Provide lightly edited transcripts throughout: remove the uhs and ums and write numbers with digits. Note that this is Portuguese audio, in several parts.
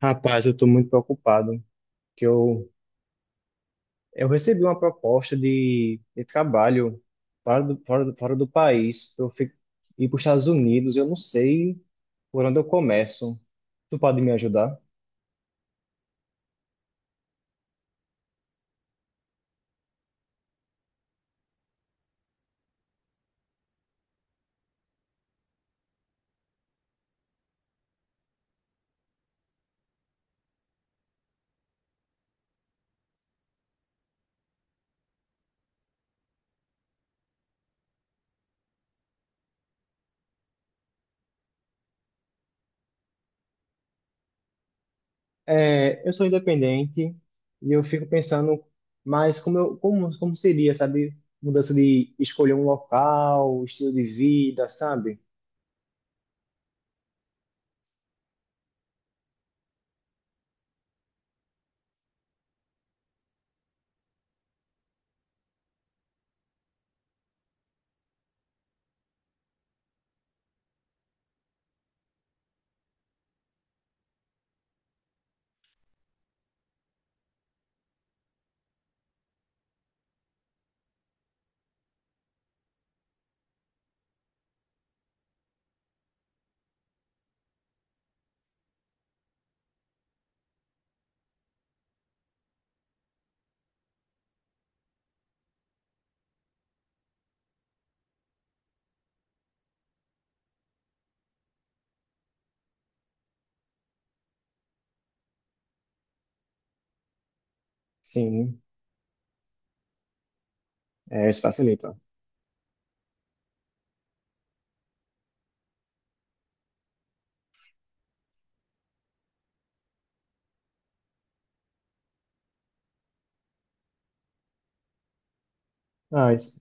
Rapaz, eu estou muito preocupado, que eu recebi uma proposta de trabalho fora do país, para eu ir para os Estados Unidos. Eu não sei por onde eu começo. Tu pode me ajudar? É, eu sou independente e eu fico pensando, mas como seria, sabe, mudança de escolher um local, estilo de vida, sabe? Sim, é, isso facilita. Ah, isso.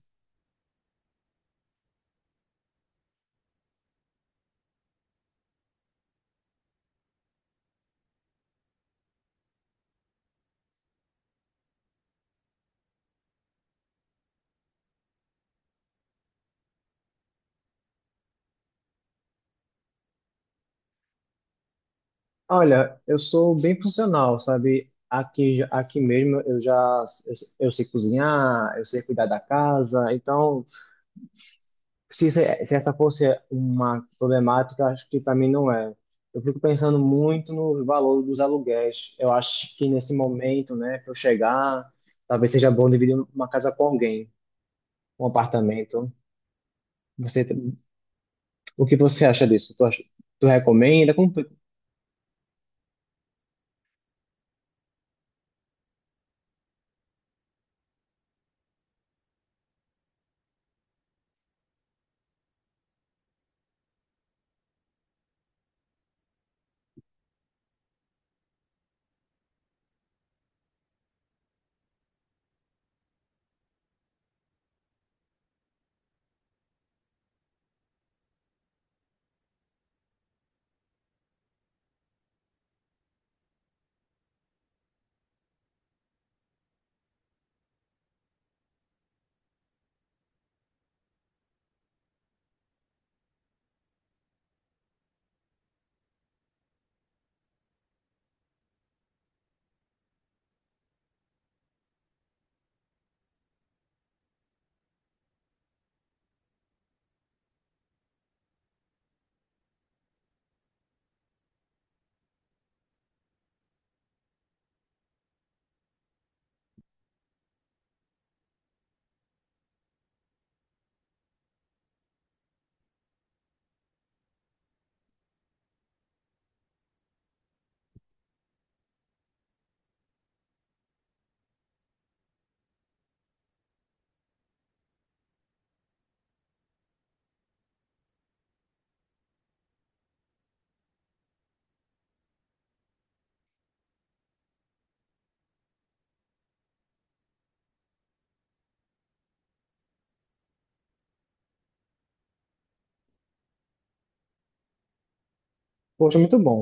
Olha, eu sou bem funcional, sabe? Aqui, aqui mesmo eu sei cozinhar, eu sei cuidar da casa. Então, se essa fosse uma problemática, acho que para mim não é. Eu fico pensando muito no valor dos aluguéis. Eu acho que nesse momento, né, que eu chegar, talvez seja bom dividir uma casa com alguém, um apartamento. Você, o que você acha disso? Tu recomenda? Poxa, muito bom.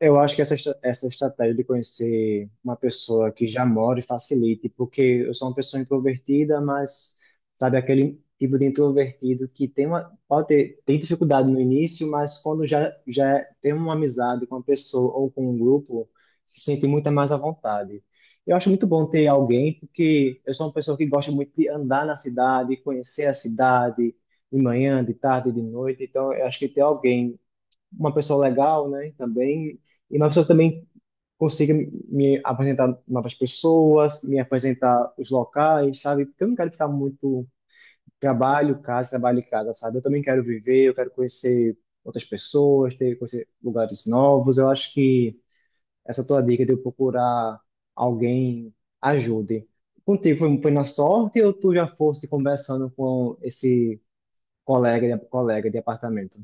Eu acho que essa estratégia de conhecer uma pessoa que já mora e facilite, porque eu sou uma pessoa introvertida, mas sabe aquele tipo de introvertido que pode ter, tem dificuldade no início, mas quando já tem uma amizade com uma pessoa ou com um grupo, se sente muito mais à vontade. Eu acho muito bom ter alguém, porque eu sou uma pessoa que gosta muito de andar na cidade, conhecer a cidade de manhã, de tarde, de noite. Então, eu acho que ter alguém, uma pessoa legal, né? Também. E uma pessoa que também consiga me apresentar novas pessoas, me apresentar os locais, sabe? Porque eu não quero ficar muito trabalho, casa, trabalho e casa, sabe? Eu também quero viver, eu quero conhecer outras pessoas, ter, conhecer lugares novos. Eu acho que essa tua dica de eu procurar alguém ajude. Contigo foi na sorte ou tu já fosse conversando com esse colega de apartamento?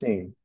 Sim.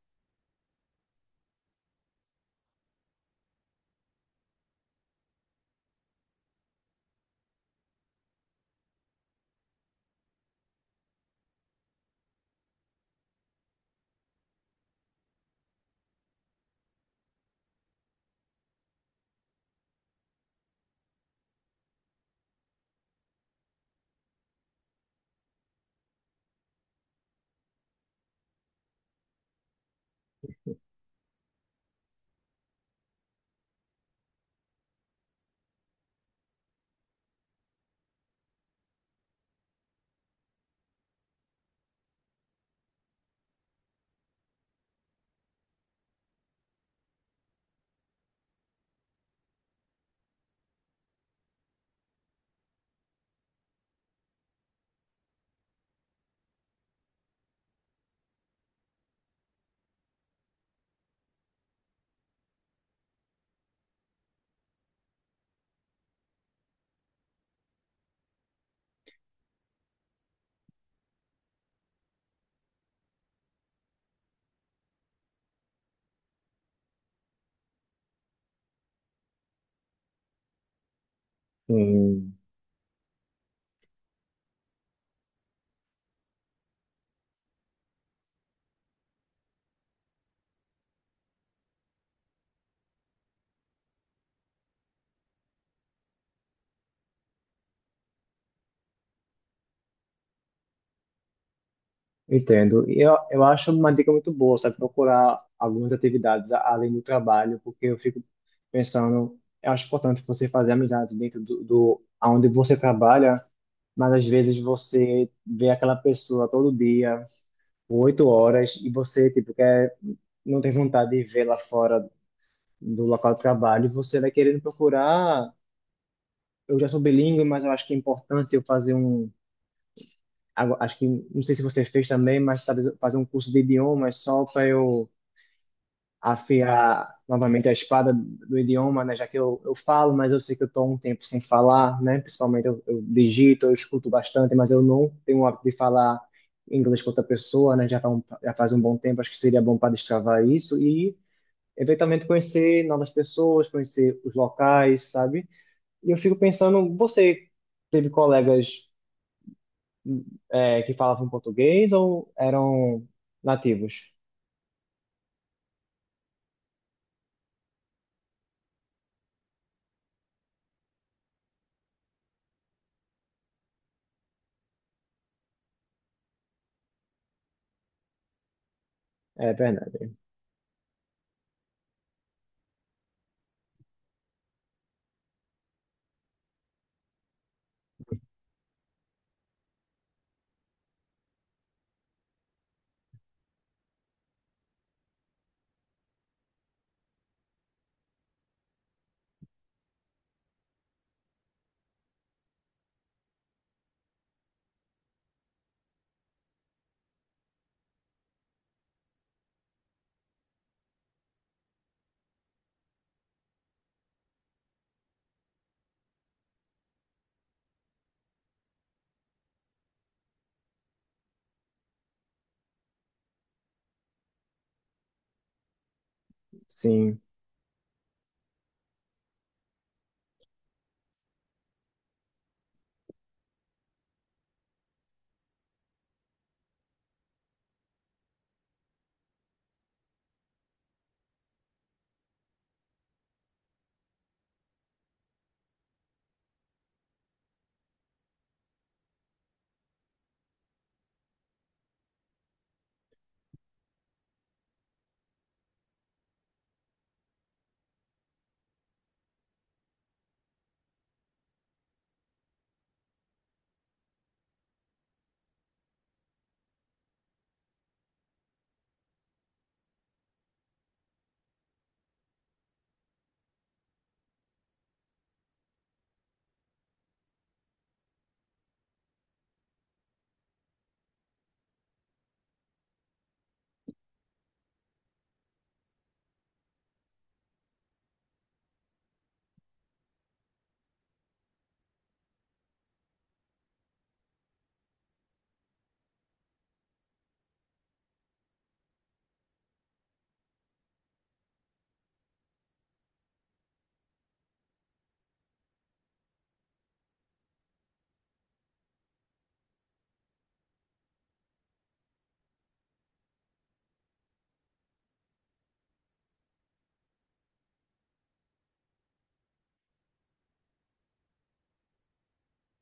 Sim. Entendo. E eu acho uma dica muito boa, sabe? Procurar algumas atividades além do trabalho, porque eu fico pensando, eu acho importante você fazer amizade dentro do aonde você trabalha, mas às vezes você vê aquela pessoa todo dia, por oito horas, e você, tipo, quer, não tem vontade de vê-la fora do local de trabalho, e você vai querendo procurar. Eu já sou bilíngue, mas eu acho que é importante eu fazer um. Agora, acho que, não sei se você fez também, mas talvez eu fazer um curso de idiomas só para eu afiar novamente a espada do idioma, né? Já que eu falo, mas eu sei que eu estou um tempo sem falar, né? Principalmente eu digito, eu escuto bastante, mas eu não tenho o hábito de falar inglês com outra pessoa, né? Já faz um bom tempo, acho que seria bom para destravar isso e eventualmente conhecer novas pessoas, conhecer os locais, sabe? E eu fico pensando, você teve colegas que falavam português ou eram nativos? É verdade, sim.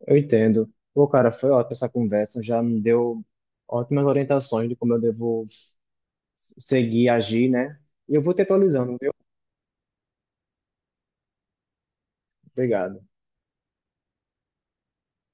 Eu entendo. Pô, cara, foi ótima essa conversa, já me deu ótimas orientações de como eu devo seguir, agir, né? E eu vou te atualizando, viu? Obrigado.